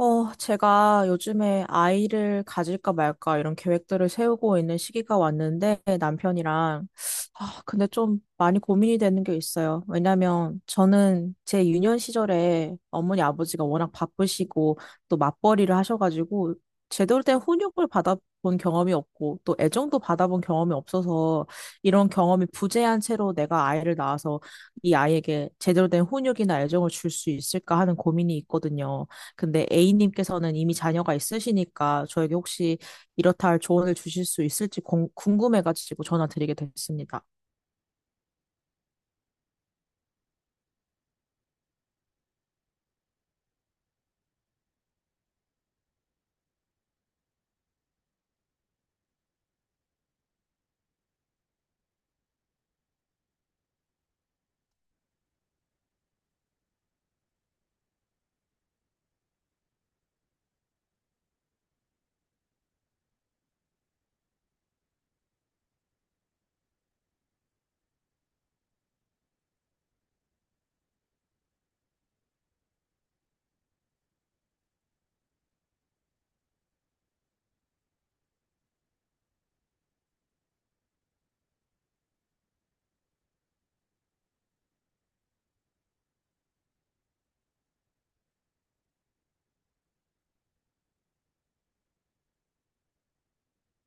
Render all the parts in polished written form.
제가 요즘에 아이를 가질까 말까 이런 계획들을 세우고 있는 시기가 왔는데 남편이랑, 아, 근데 좀 많이 고민이 되는 게 있어요. 왜냐면 저는 제 유년 시절에 어머니 아버지가 워낙 바쁘시고 또 맞벌이를 하셔가지고 제대로 된 훈육을 받아본 경험이 없고 또 애정도 받아본 경험이 없어서 이런 경험이 부재한 채로 내가 아이를 낳아서 이 아이에게 제대로 된 훈육이나 애정을 줄 수 있을까 하는 고민이 있거든요. 근데 A님께서는 이미 자녀가 있으시니까 저에게 혹시 이렇다 할 조언을 주실 수 있을지 궁금해가지고 전화 드리게 됐습니다.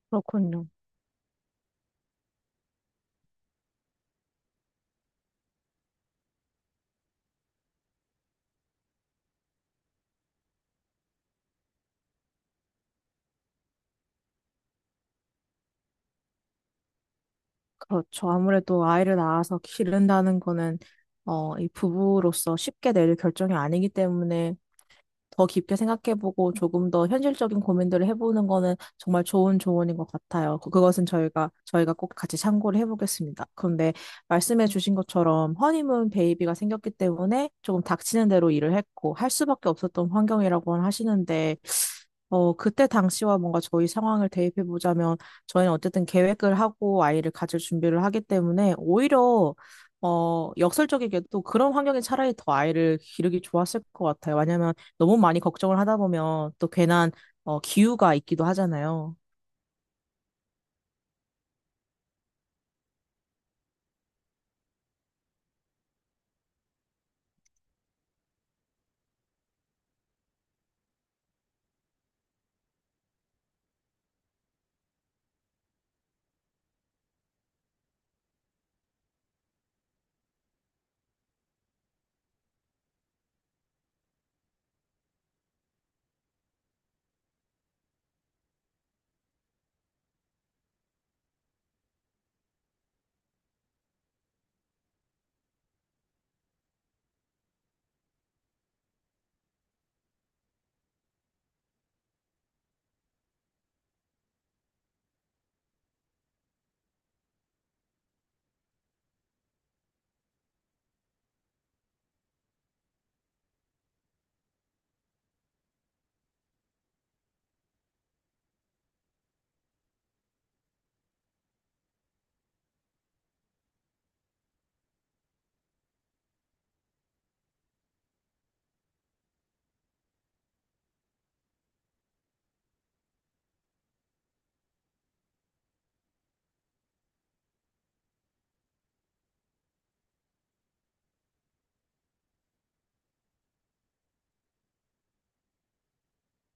그렇군요. 그렇죠. 아무래도 아이를 낳아서 기른다는 거는 이 부부로서 쉽게 내릴 결정이 아니기 때문에 더 깊게 생각해보고 조금 더 현실적인 고민들을 해보는 거는 정말 좋은 조언인 것 같아요. 그것은 저희가 꼭 같이 참고를 해보겠습니다. 그런데 말씀해주신 것처럼 허니문 베이비가 생겼기 때문에 조금 닥치는 대로 일을 했고 할 수밖에 없었던 환경이라고 하시는데, 그때 당시와 뭔가 저희 상황을 대입해 보자면 저희는 어쨌든 계획을 하고 아이를 가질 준비를 하기 때문에 오히려, 역설적이게도 그런 환경이 차라리 더 아이를 기르기 좋았을 것 같아요. 왜냐면 너무 많이 걱정을 하다 보면 또 괜한, 기우가 있기도 하잖아요.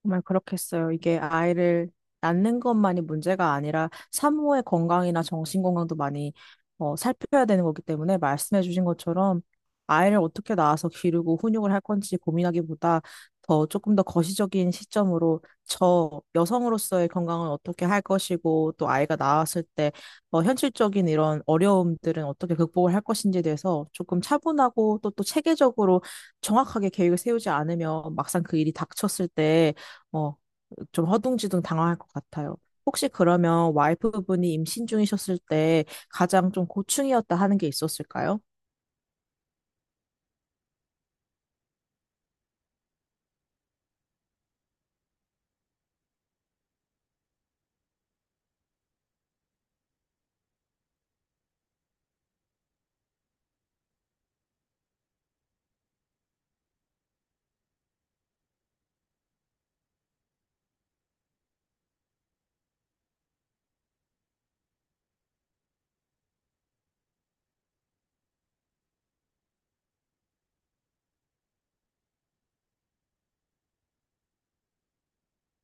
정말 그렇겠어요. 이게 아이를 낳는 것만이 문제가 아니라 산모의 건강이나 정신 건강도 많이, 살펴야 되는 거기 때문에 말씀해 주신 것처럼 아이를 어떻게 낳아서 기르고 훈육을 할 건지 고민하기보다 더 조금 더 거시적인 시점으로 저 여성으로서의 건강은 어떻게 할 것이고 또 아이가 나왔을 때, 현실적인 이런 어려움들은 어떻게 극복을 할 것인지에 대해서 조금 차분하고 또 또 체계적으로 정확하게 계획을 세우지 않으면 막상 그 일이 닥쳤을 때, 어, 좀 허둥지둥 당황할 것 같아요. 혹시 그러면 와이프분이 임신 중이셨을 때 가장 좀 고충이었다 하는 게 있었을까요?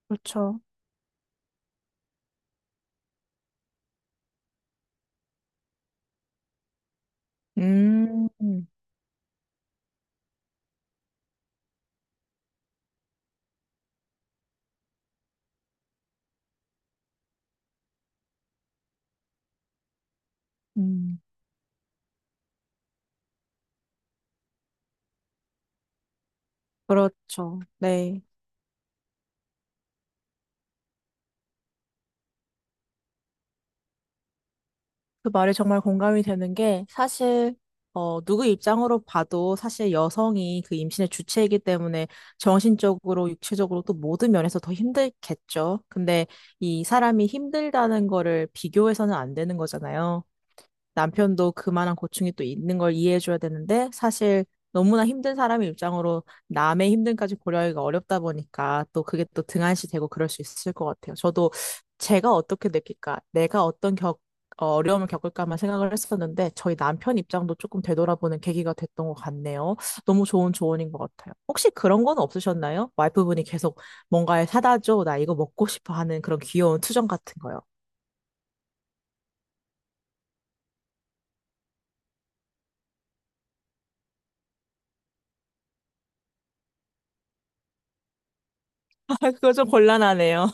그렇죠. 음. 음. 그렇죠. 네. 그 말에 정말 공감이 되는 게 사실 누구 입장으로 봐도 사실 여성이 그 임신의 주체이기 때문에 정신적으로 육체적으로 또 모든 면에서 더 힘들겠죠. 근데 이 사람이 힘들다는 거를 비교해서는 안 되는 거잖아요. 남편도 그만한 고충이 또 있는 걸 이해해줘야 되는데, 사실 너무나 힘든 사람의 입장으로 남의 힘듦까지 고려하기가 어렵다 보니까 또 그게 또 등한시 되고 그럴 수 있을 것 같아요. 저도 제가 어떻게 느낄까, 내가 어떤 어려움을 겪을까만 생각을 했었는데 저희 남편 입장도 조금 되돌아보는 계기가 됐던 것 같네요. 너무 좋은 조언인 것 같아요. 혹시 그런 건 없으셨나요? 와이프분이 계속 뭔가를 사다 줘, 나 이거 먹고 싶어 하는 그런 귀여운 투정 같은 거요. 그거 좀 곤란하네요.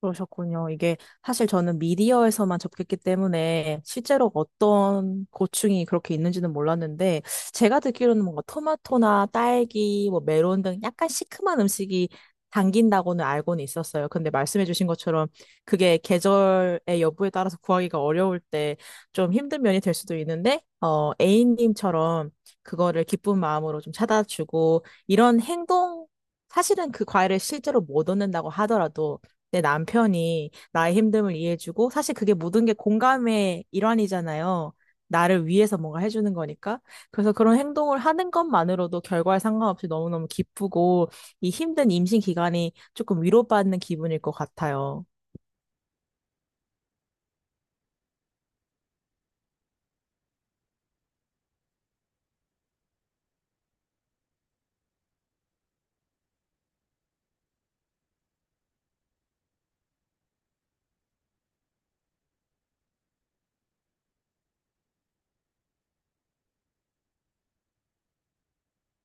그러셨군요. 이게 사실 저는 미디어에서만 접했기 때문에 실제로 어떤 고충이 그렇게 있는지는 몰랐는데, 제가 듣기로는 뭔가 토마토나 딸기, 뭐 메론 등 약간 시큼한 음식이 당긴다고는 알고는 있었어요. 근데 말씀해주신 것처럼 그게 계절의 여부에 따라서 구하기가 어려울 때 좀 힘든 면이 될 수도 있는데, A님처럼 그거를 기쁜 마음으로 좀 찾아주고 이런 행동, 사실은 그 과일을 실제로 못 얻는다고 하더라도 내 남편이 나의 힘듦을 이해해주고, 사실 그게 모든 게 공감의 일환이잖아요. 나를 위해서 뭔가 해주는 거니까. 그래서 그런 행동을 하는 것만으로도 결과에 상관없이 너무너무 기쁘고, 이 힘든 임신 기간이 조금 위로받는 기분일 것 같아요.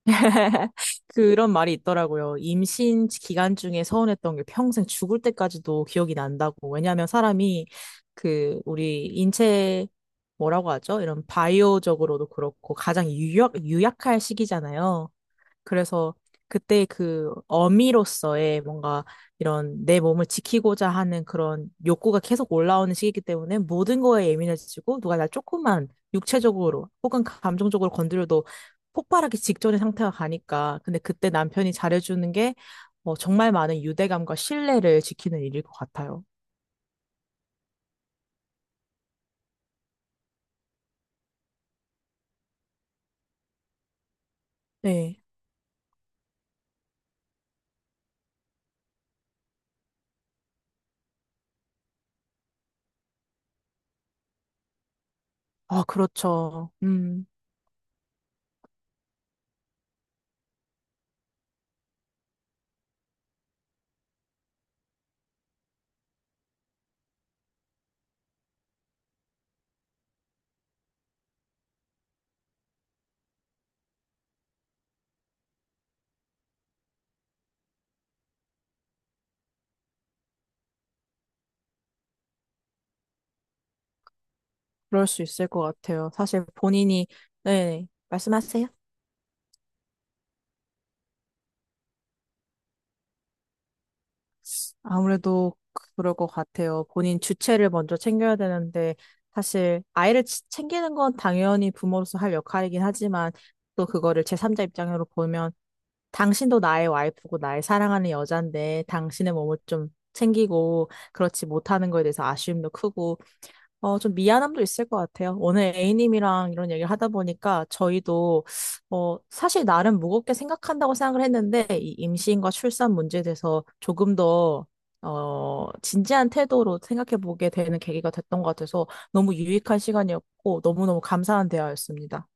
그런 말이 있더라고요. 임신 기간 중에 서운했던 게 평생 죽을 때까지도 기억이 난다고. 왜냐하면 사람이 그 우리 인체 뭐라고 하죠? 이런 바이오적으로도 그렇고 가장 유약할 시기잖아요. 그래서 그때 그 어미로서의 뭔가 이런 내 몸을 지키고자 하는 그런 욕구가 계속 올라오는 시기이기 때문에 모든 거에 예민해지고 누가 날 조금만 육체적으로 혹은 감정적으로 건드려도 폭발하기 직전의 상태가 가니까. 근데 그때 남편이 잘해주는 게 정말 많은 유대감과 신뢰를 지키는 일일 것 같아요. 네. 아, 그렇죠. 그럴 수 있을 것 같아요. 사실 본인이, 네, 말씀하세요. 아무래도 그럴 것 같아요. 본인 주체를 먼저 챙겨야 되는데, 사실 아이를 챙기는 건 당연히 부모로서 할 역할이긴 하지만, 또 그거를 제3자 입장으로 보면, 당신도 나의 와이프고 나의 사랑하는 여잔데, 당신의 몸을 좀 챙기고, 그렇지 못하는 거에 대해서 아쉬움도 크고, 좀 미안함도 있을 것 같아요. 오늘 A님이랑 이런 얘기를 하다 보니까 저희도, 사실 나름 무겁게 생각한다고 생각을 했는데, 이 임신과 출산 문제에 대해서 조금 더, 진지한 태도로 생각해 보게 되는 계기가 됐던 것 같아서 너무 유익한 시간이었고, 너무너무 감사한 대화였습니다.